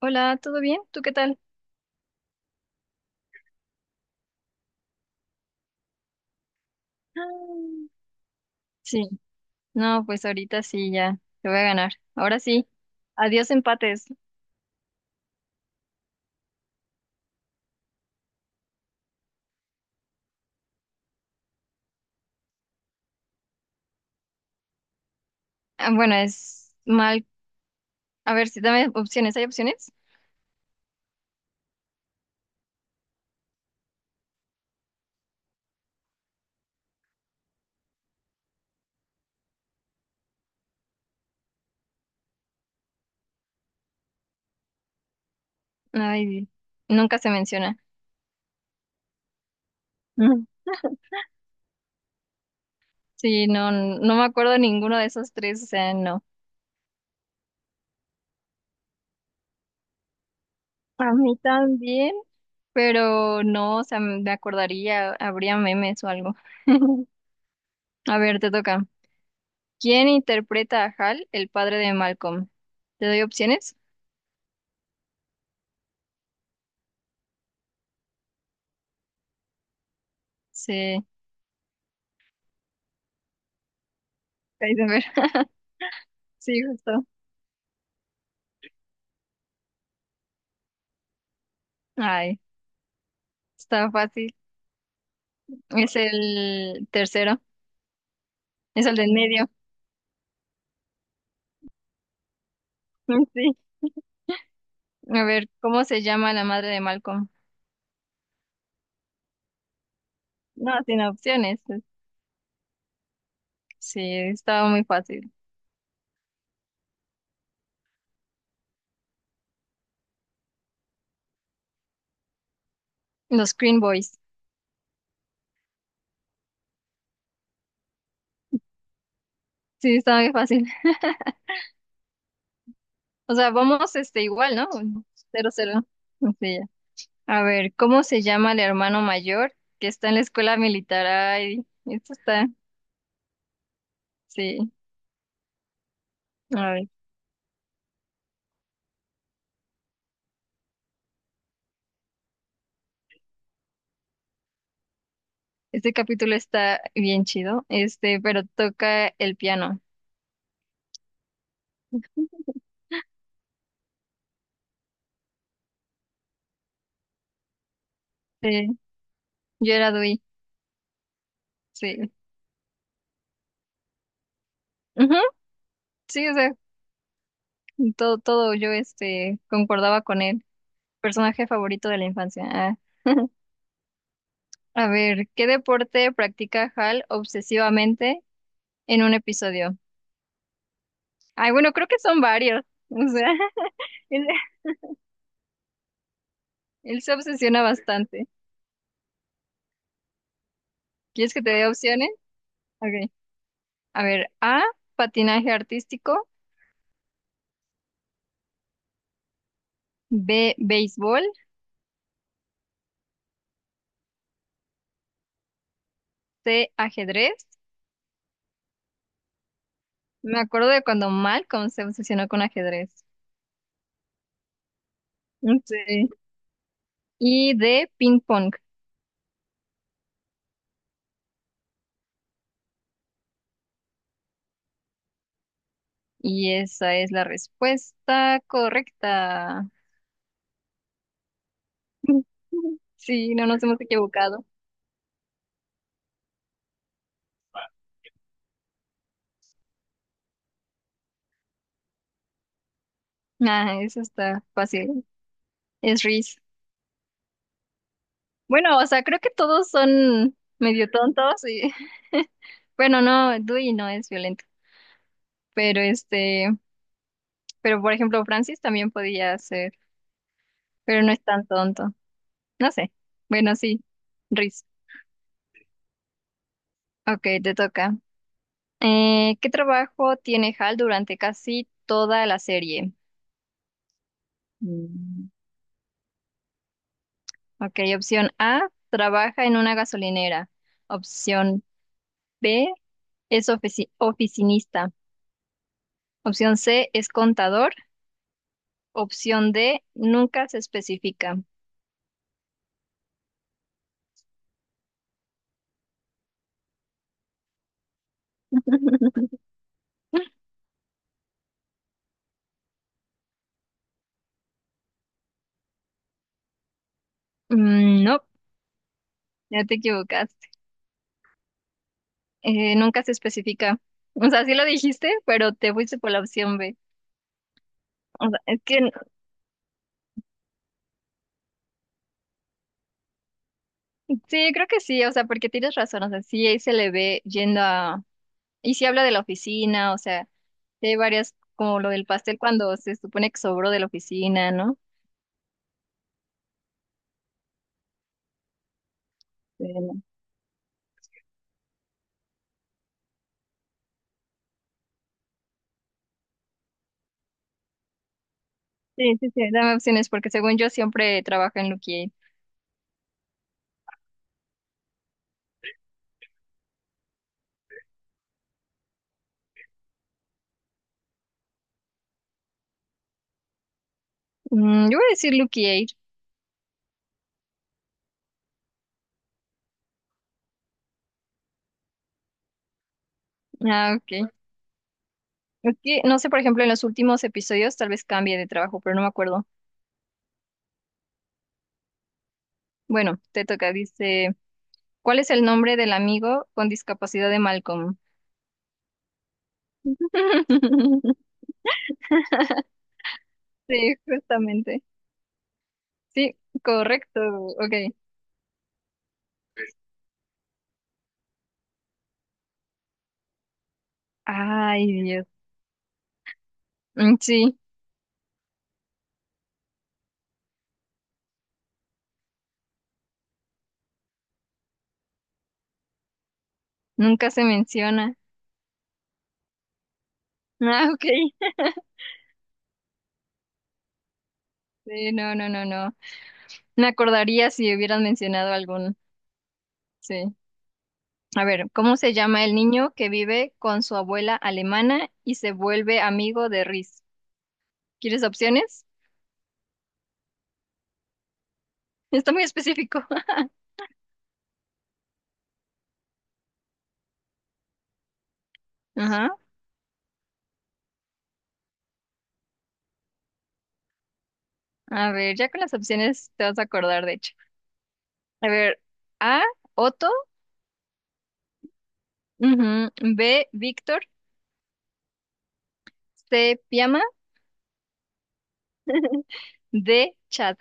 Hola, ¿todo bien? ¿Tú qué tal? Ah, sí, no, pues ahorita sí, ya, te voy a ganar. Ahora sí, adiós empates. Ah, bueno, es mal. A ver, si dame opciones, ¿hay opciones? Ay, nunca se menciona. Ujú. Sí, no, no me acuerdo de ninguno de esos tres, o sea, no. A mí también, pero no, o sea, me acordaría, habría memes o algo. A ver, te toca. ¿Quién interpreta a Hal, el padre de Malcolm? ¿Te doy opciones? Sí. Heisenberg. Sí, justo. Ay, está fácil. Es el tercero, es el del medio. Sí. A ver, ¿cómo se llama la madre de Malcolm? No, sin opciones. Sí, estaba muy fácil. Los Green Boys. Sí, estaba muy fácil. O sea, vamos este igual, ¿no? Cero, cero. Sí, ya. A ver, ¿cómo se llama el hermano mayor que está en la escuela militar? Ay, esto está, sí. A ver, este capítulo está bien chido, este, pero toca el piano. Sí. Yo era Dewey, sí. Ujú, sí, o sea, todo, todo yo este concordaba con él. Personaje favorito de la infancia. Ah. A ver, ¿qué deporte practica Hal obsesivamente en un episodio? Ay, bueno, creo que son varios. O sea, él, él se obsesiona bastante. ¿Quieres que te dé opciones? Ok. A ver, A, patinaje artístico, B, béisbol, C, ajedrez. Me acuerdo de cuando Malcolm se obsesionó con ajedrez. Sí. Y D, ping pong. Y esa es la respuesta correcta. Sí, no nos hemos equivocado. Ah, eso está fácil. Es Reese. Bueno, o sea, creo que todos son medio tontos y bueno, no, Dewey no es violento, pero este, pero por ejemplo, Francis también podía ser, pero no es tan tonto. No sé. Bueno, sí, Reese. Ok, te toca. ¿Qué trabajo tiene Hal durante casi toda la serie? Mm. Ok, opción A, trabaja en una gasolinera. Opción B, es oficinista. Opción C, es contador. Opción D, nunca se especifica. Mm, no, ya te equivocaste. Nunca se especifica. O sea, sí lo dijiste, pero te fuiste por la opción B. O sea, es que sí, creo que sí, o sea, porque tienes razón, o sea, sí ahí se le ve yendo a... Y sí habla de la oficina, o sea, sí hay varias, como lo del pastel cuando se supone que sobró de la oficina, ¿no? Bueno, sí, sí, sí, dame opciones porque según yo siempre trabaja en Lucky Aid. Mm, yo voy a decir Lucky Aid. Ah, ok. Es que no sé, por ejemplo, en los últimos episodios tal vez cambie de trabajo, pero no me acuerdo. Bueno, te toca, dice, ¿cuál es el nombre del amigo con discapacidad de Malcolm? Sí, justamente. Sí, correcto. Ok. Ay, Dios. Mm, sí, nunca se menciona. Ah, ok. Sí, no, no, no, no. Me acordaría si hubieran mencionado algún. Sí. A ver, ¿cómo se llama el niño que vive con su abuela alemana y se vuelve amigo de Riz? ¿Quieres opciones? Está muy específico. Ajá. A ver, ya con las opciones te vas a acordar, de hecho. A ver, A, Otto, ujú, B, Víctor, C, Piama, D, Chad.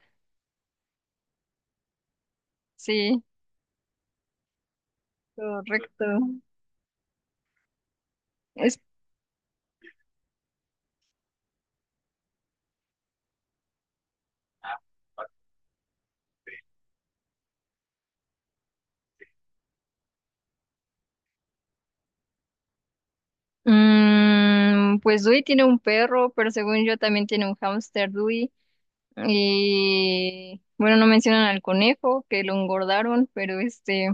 Sí, correcto. Es, mm, pues Dewey tiene un perro, pero según yo también tiene un hámster Dewey. Y bueno, no mencionan al conejo, que lo engordaron, pero este,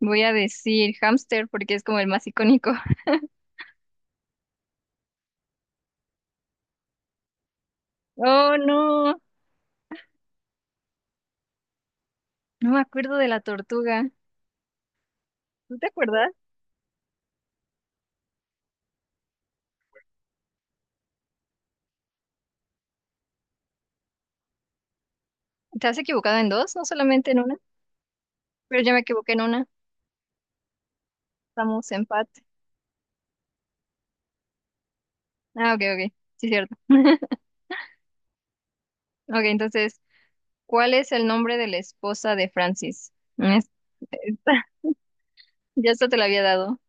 voy a decir hámster porque es como el más icónico. Oh, no, no me acuerdo de la tortuga. ¿Tú te acuerdas? ¿Te has equivocado en dos? No solamente en una, pero yo me equivoqué en una. Estamos empate. Ah, ok, ok. Sí, cierto. Ok, entonces, ¿cuál es el nombre de la esposa de Francis? Mm, es- esta- ya esto te lo había dado.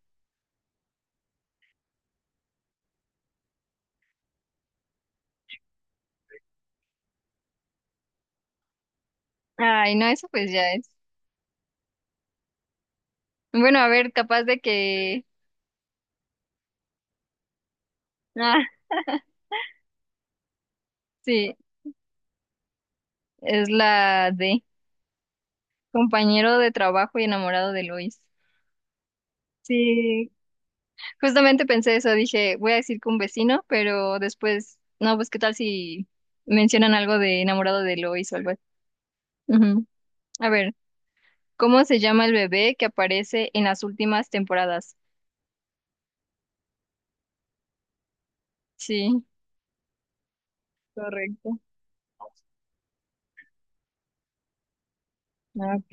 Ay, no, eso pues ya es. Bueno, a ver, capaz de que... Ah, sí. Es la de compañero de trabajo y enamorado de Luis. Sí, justamente pensé eso, dije, voy a decir que un vecino, pero después, no, pues qué tal si mencionan algo de enamorado de Lois o algo así. Ujú. A ver, ¿cómo se llama el bebé que aparece en las últimas temporadas? Sí, correcto. Ok.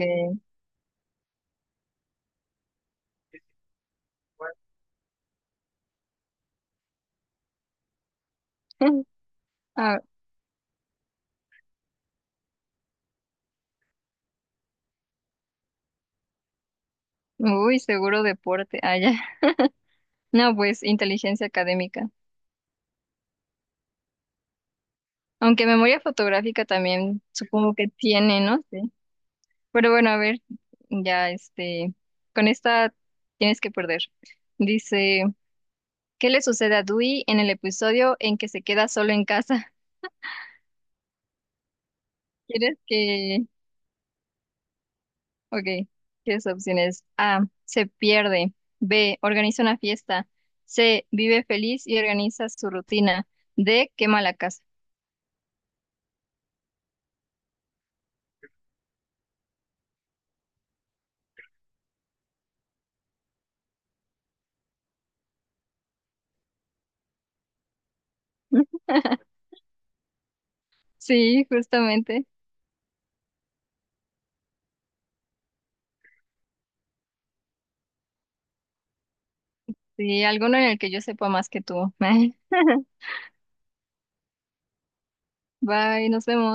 Ah, uy, seguro deporte. Ah, ya. No, pues inteligencia académica. Aunque memoria fotográfica también supongo que tiene, ¿no? Sí. Pero bueno, a ver, ya este, con esta tienes que perder. Dice, ¿qué le sucede a Dewey en el episodio en que se queda solo en casa? ¿Quieres que... Ok, ¿qué opciones? A, se pierde. B, organiza una fiesta. C, vive feliz y organiza su rutina. D, quema la casa. Sí, justamente. Sí, alguno en el que yo sepa más que tú. Bye, nos vemos.